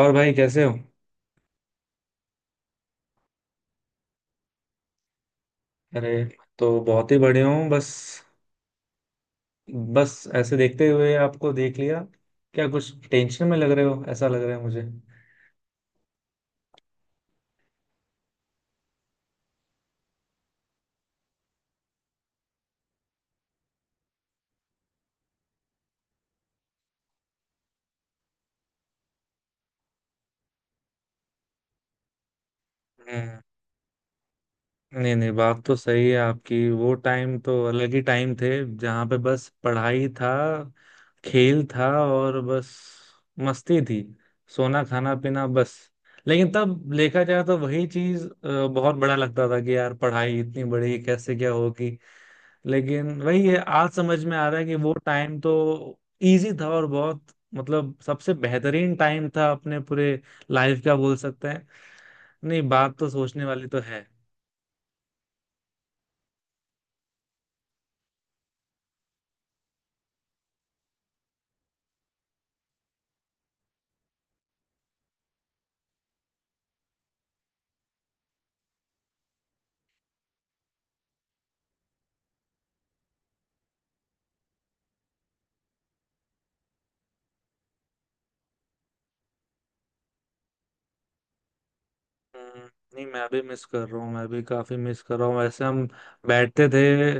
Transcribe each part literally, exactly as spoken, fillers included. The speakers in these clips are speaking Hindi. और भाई कैसे हो? अरे, तो बहुत ही बढ़िया हूँ। बस बस ऐसे देखते हुए आपको देख लिया। क्या कुछ टेंशन में लग रहे हो? ऐसा लग रहा है मुझे। हम्म। नहीं नहीं, बात तो सही है आपकी। वो टाइम तो अलग ही टाइम थे, जहाँ पे बस पढ़ाई था, खेल था और बस मस्ती थी, सोना खाना पीना बस। लेकिन तब देखा जाए तो वही चीज अ, बहुत बड़ा लगता था कि यार पढ़ाई इतनी बड़ी कैसे क्या होगी। लेकिन वही है, आज समझ में आ रहा है कि वो टाइम तो इजी था और बहुत मतलब सबसे बेहतरीन टाइम था अपने पूरे लाइफ का बोल सकते हैं। नहीं, बात तो सोचने वाली तो है। हम्म। नहीं, मैं भी मिस कर रहा हूँ, मैं भी काफी मिस कर रहा हूँ। वैसे हम बैठते थे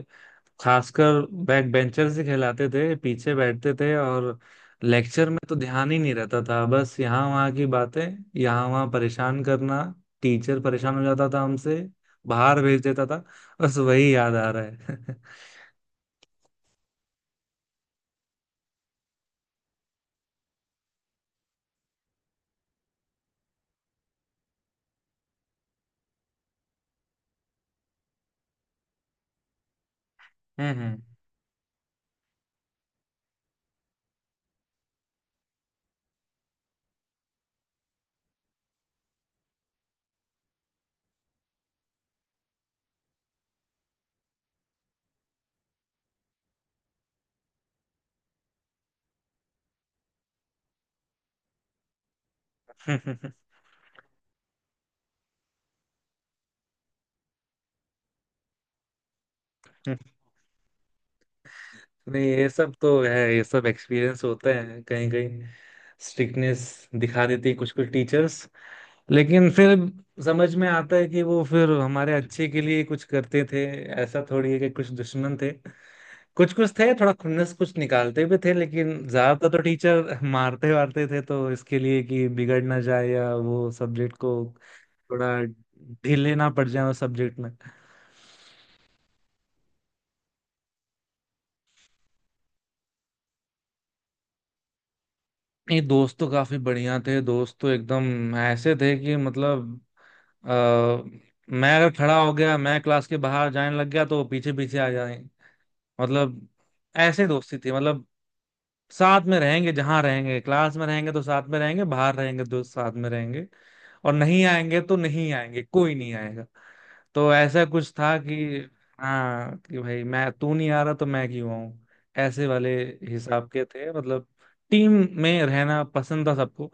खासकर बैक बेंचर से, खिलाते थे पीछे बैठते थे, और लेक्चर में तो ध्यान ही नहीं रहता था। बस यहाँ वहाँ की बातें, यहाँ वहाँ परेशान करना। टीचर परेशान हो जाता था हमसे, बाहर भेज देता था। बस वही याद आ रहा है। हम्म हम्म। नहीं, ये सब तो है, ये सब एक्सपीरियंस होते हैं। कहीं कहीं स्ट्रिक्टनेस दिखा देती कुछ कुछ टीचर्स, लेकिन फिर समझ में आता है कि वो फिर हमारे अच्छे के लिए कुछ करते थे। ऐसा थोड़ी है कि कुछ दुश्मन थे। कुछ कुछ थे, थोड़ा खुन्नस कुछ निकालते भी थे, लेकिन ज्यादातर तो टीचर मारते वारते थे तो इसके लिए कि बिगड़ ना जाए, या वो सब्जेक्ट को थोड़ा ढीले ना पड़ जाए उस सब्जेक्ट में। नहीं, दोस्त तो काफी बढ़िया थे। दोस्त तो एकदम ऐसे थे कि मतलब अ, मैं अगर खड़ा हो गया, मैं क्लास के बाहर जाने लग गया तो वो पीछे पीछे आ जाए, मतलब ऐसे दोस्ती थी। मतलब साथ में रहेंगे, जहां रहेंगे, क्लास में रहेंगे तो साथ में रहेंगे, बाहर रहेंगे तो साथ में रहेंगे। और नहीं आएंगे तो नहीं आएंगे, कोई नहीं आएगा। तो ऐसा कुछ था कि हाँ कि भाई मैं, तू नहीं आ रहा तो मैं क्यों आऊं। ऐसे वाले हिसाब के थे, मतलब टीम में रहना पसंद था सबको।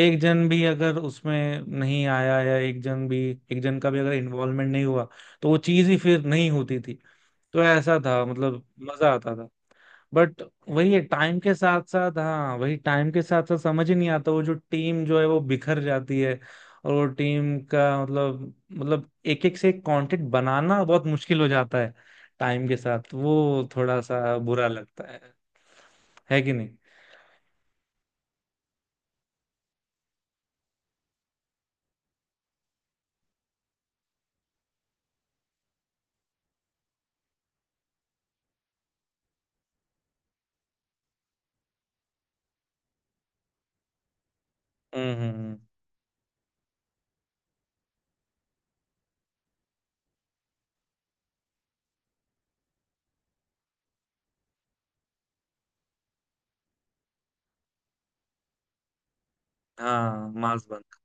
एक जन भी अगर उसमें नहीं आया, या एक जन भी, एक जन का भी अगर इन्वॉल्वमेंट नहीं हुआ तो वो चीज ही फिर नहीं होती थी। तो ऐसा था मतलब, मजा आता था। बट वही है, टाइम के साथ साथ, हाँ, वही टाइम के साथ साथ समझ ही नहीं आता, वो जो टीम जो है वो बिखर जाती है। और वो टीम का मतलब, मतलब एक एक से एक कांटेक्ट बनाना बहुत मुश्किल हो जाता है टाइम के साथ। वो थोड़ा सा बुरा लगता है है कि नहीं। हम्म हम्म हम्म। हाँ, मांस बंद।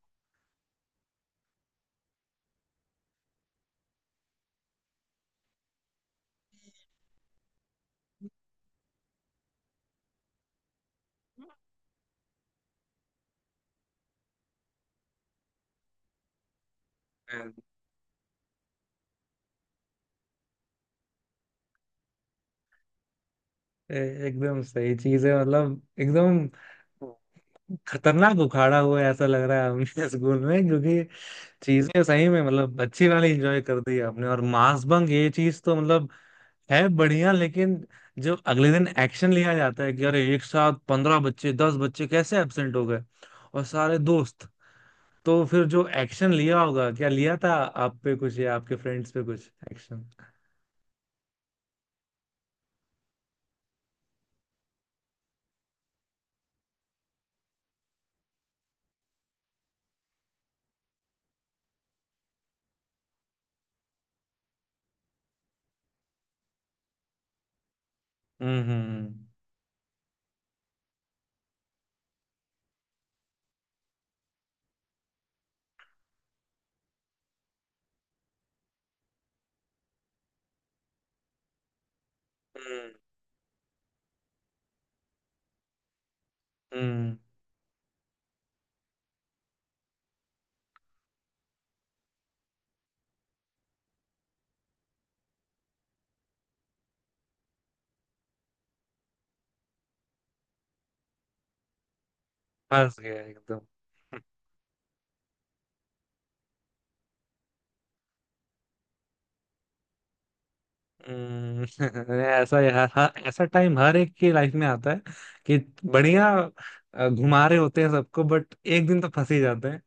ए- एकदम सही चीज है, मतलब एकदम खतरनाक उखाड़ा हुआ है, ऐसा लग रहा है हमें। स्कूल में क्योंकि चीजें सही में मतलब अच्छी वाली एंजॉय कर दी आपने। और मास बंग, ये चीज तो मतलब है बढ़िया, लेकिन जो अगले दिन एक्शन लिया जाता है कि अरे एक साथ पंद्रह बच्चे, दस बच्चे कैसे एब्सेंट हो गए और सारे दोस्त, तो फिर जो एक्शन लिया होगा, क्या लिया था आप पे कुछ या आपके फ्रेंड्स पे कुछ एक्शन? हम्म हम्म हम्म हम्म। फंस गया एकदम। हम्म। ऐसा यार, हाँ, ऐसा टाइम हर एक की लाइफ में आता है कि बढ़िया अ, घुमा रहे होते हैं सबको, बट एक दिन तो फंस ही जाते हैं,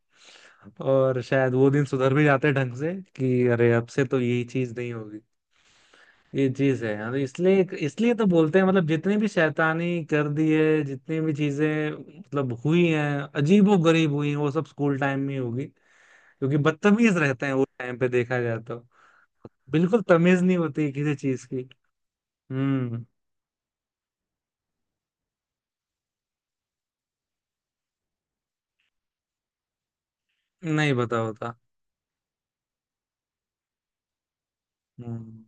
और शायद वो दिन सुधर भी जाते हैं ढंग से कि अरे अब से तो यही चीज नहीं होगी। ये चीज है यार, इसलिए इसलिए तो बोलते हैं मतलब जितनी भी शैतानी कर दी है, जितनी भी चीजें मतलब हुई हैं, अजीबो गरीब हुई हैं, वो सब स्कूल टाइम में ही होगी, क्योंकि बदतमीज रहते हैं वो टाइम पे देखा जाए तो। बिल्कुल तमीज नहीं होती किसी चीज। हम्म। नहीं पता होता। हम्म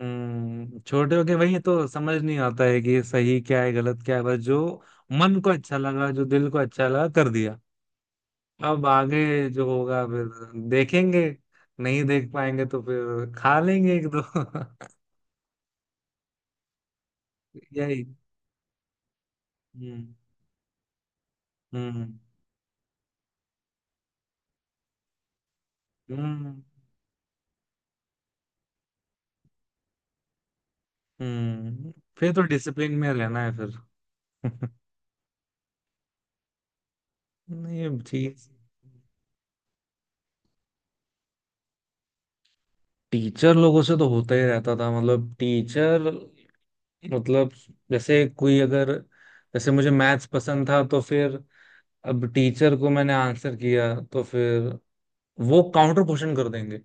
हम्म। छोटे होके वही तो समझ नहीं आता है कि सही क्या है गलत क्या है, बस जो मन को अच्छा लगा, जो दिल को अच्छा लगा, कर दिया। अब आगे जो होगा फिर देखेंगे, नहीं देख पाएंगे तो फिर खा लेंगे एक दो। यही। हम्म हम्म हम्म हम्म। फिर तो डिसिप्लिन में रहना है फिर। नहीं, अब ठीक। टीचर लोगों से तो होता ही रहता था, मतलब टीचर, मतलब जैसे कोई अगर, जैसे मुझे मैथ्स पसंद था तो फिर अब टीचर को मैंने आंसर किया तो फिर वो काउंटर क्वेश्चन कर देंगे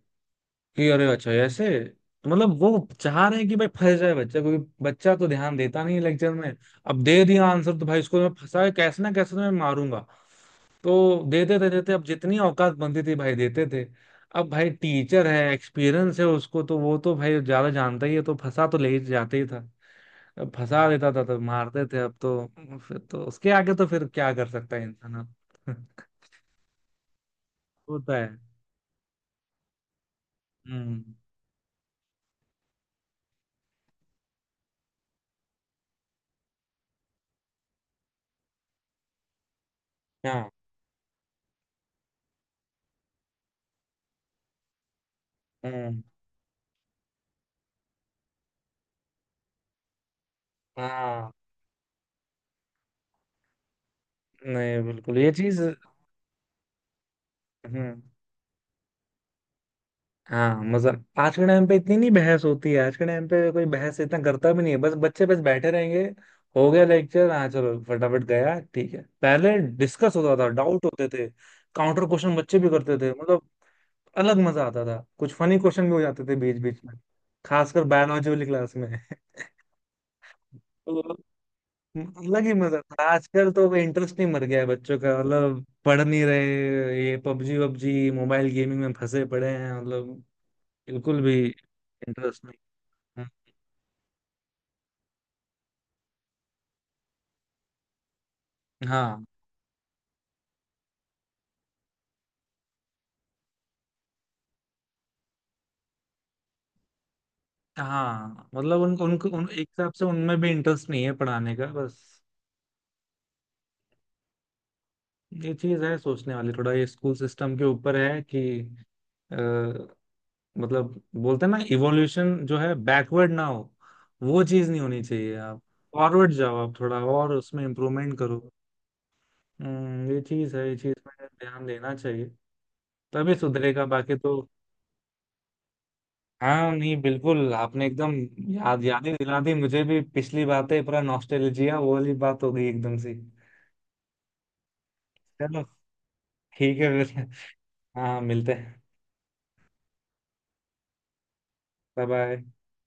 कि अरे अच्छा ऐसे। तो मतलब वो चाह रहे हैं कि भाई फंस जाए बच्चा, क्योंकि बच्चा तो ध्यान देता नहीं है लेक्चर में। अब दे दिया आंसर तो भाई इसको मैं फंसा है, कैसे ना कैसे तो मैं मारूंगा। तो देते देते देते, अब जितनी औकात बनती थी भाई देते थे। अब भाई टीचर है, एक्सपीरियंस है उसको, तो वो तो भाई ज्यादा जानता ही है, तो फंसा तो ले ही जाते ही था। अब फंसा देता था तो मारते थे। अब तो फिर तो उसके आगे तो फिर क्या कर सकता है इंसान। अब होता है। हम्म। हाँ। हम्म। हाँ, नहीं, बिल्कुल ये चीज। हम्म। हाँ, मतलब आज के टाइम पे इतनी नहीं बहस होती है, आज के टाइम पे कोई बहस इतना करता भी नहीं है, बस बच्चे बस बैठे रहेंगे। हो गया लेक्चर, हाँ चलो फटाफट गया ठीक है। पहले डिस्कस होता था, डाउट होते थे, काउंटर क्वेश्चन बच्चे भी करते थे मतलब। अलग मजा आता था, कुछ फनी क्वेश्चन भी हो जाते थे बीच बीच में, खासकर बायोलॉजी वाली क्लास में। तो अलग ही मजा था। आजकल तो इंटरेस्ट नहीं, मर गया है बच्चों का, मतलब पढ़ नहीं रहे, ये पबजी वबजी मोबाइल गेमिंग में फंसे पड़े हैं, मतलब बिल्कुल भी इंटरेस्ट नहीं। हम्म। हाँ हाँ, मतलब उनको उनको उन, एक हिसाब से उनमें भी इंटरेस्ट नहीं है पढ़ाने का, बस। ये चीज है सोचने वाली, थोड़ा ये स्कूल सिस्टम के ऊपर है कि अ, मतलब बोलते हैं ना इवोल्यूशन जो है बैकवर्ड ना हो। वो चीज नहीं होनी चाहिए। आप फॉरवर्ड जाओ आप थोड़ा, और उसमें इम्प्रूवमेंट करो। हम्म, ये चीज है, ये चीज में ध्यान देना चाहिए, तभी सुधरेगा बाकी तो। हाँ, नहीं बिल्कुल, आपने एकदम याद याद ही दिला दी मुझे भी पिछली बातें, पूरा नॉस्टैल्जिया वो वाली बात हो गई एकदम से। चलो, ठीक है फिर। हाँ, मिलते हैं। Bye bye.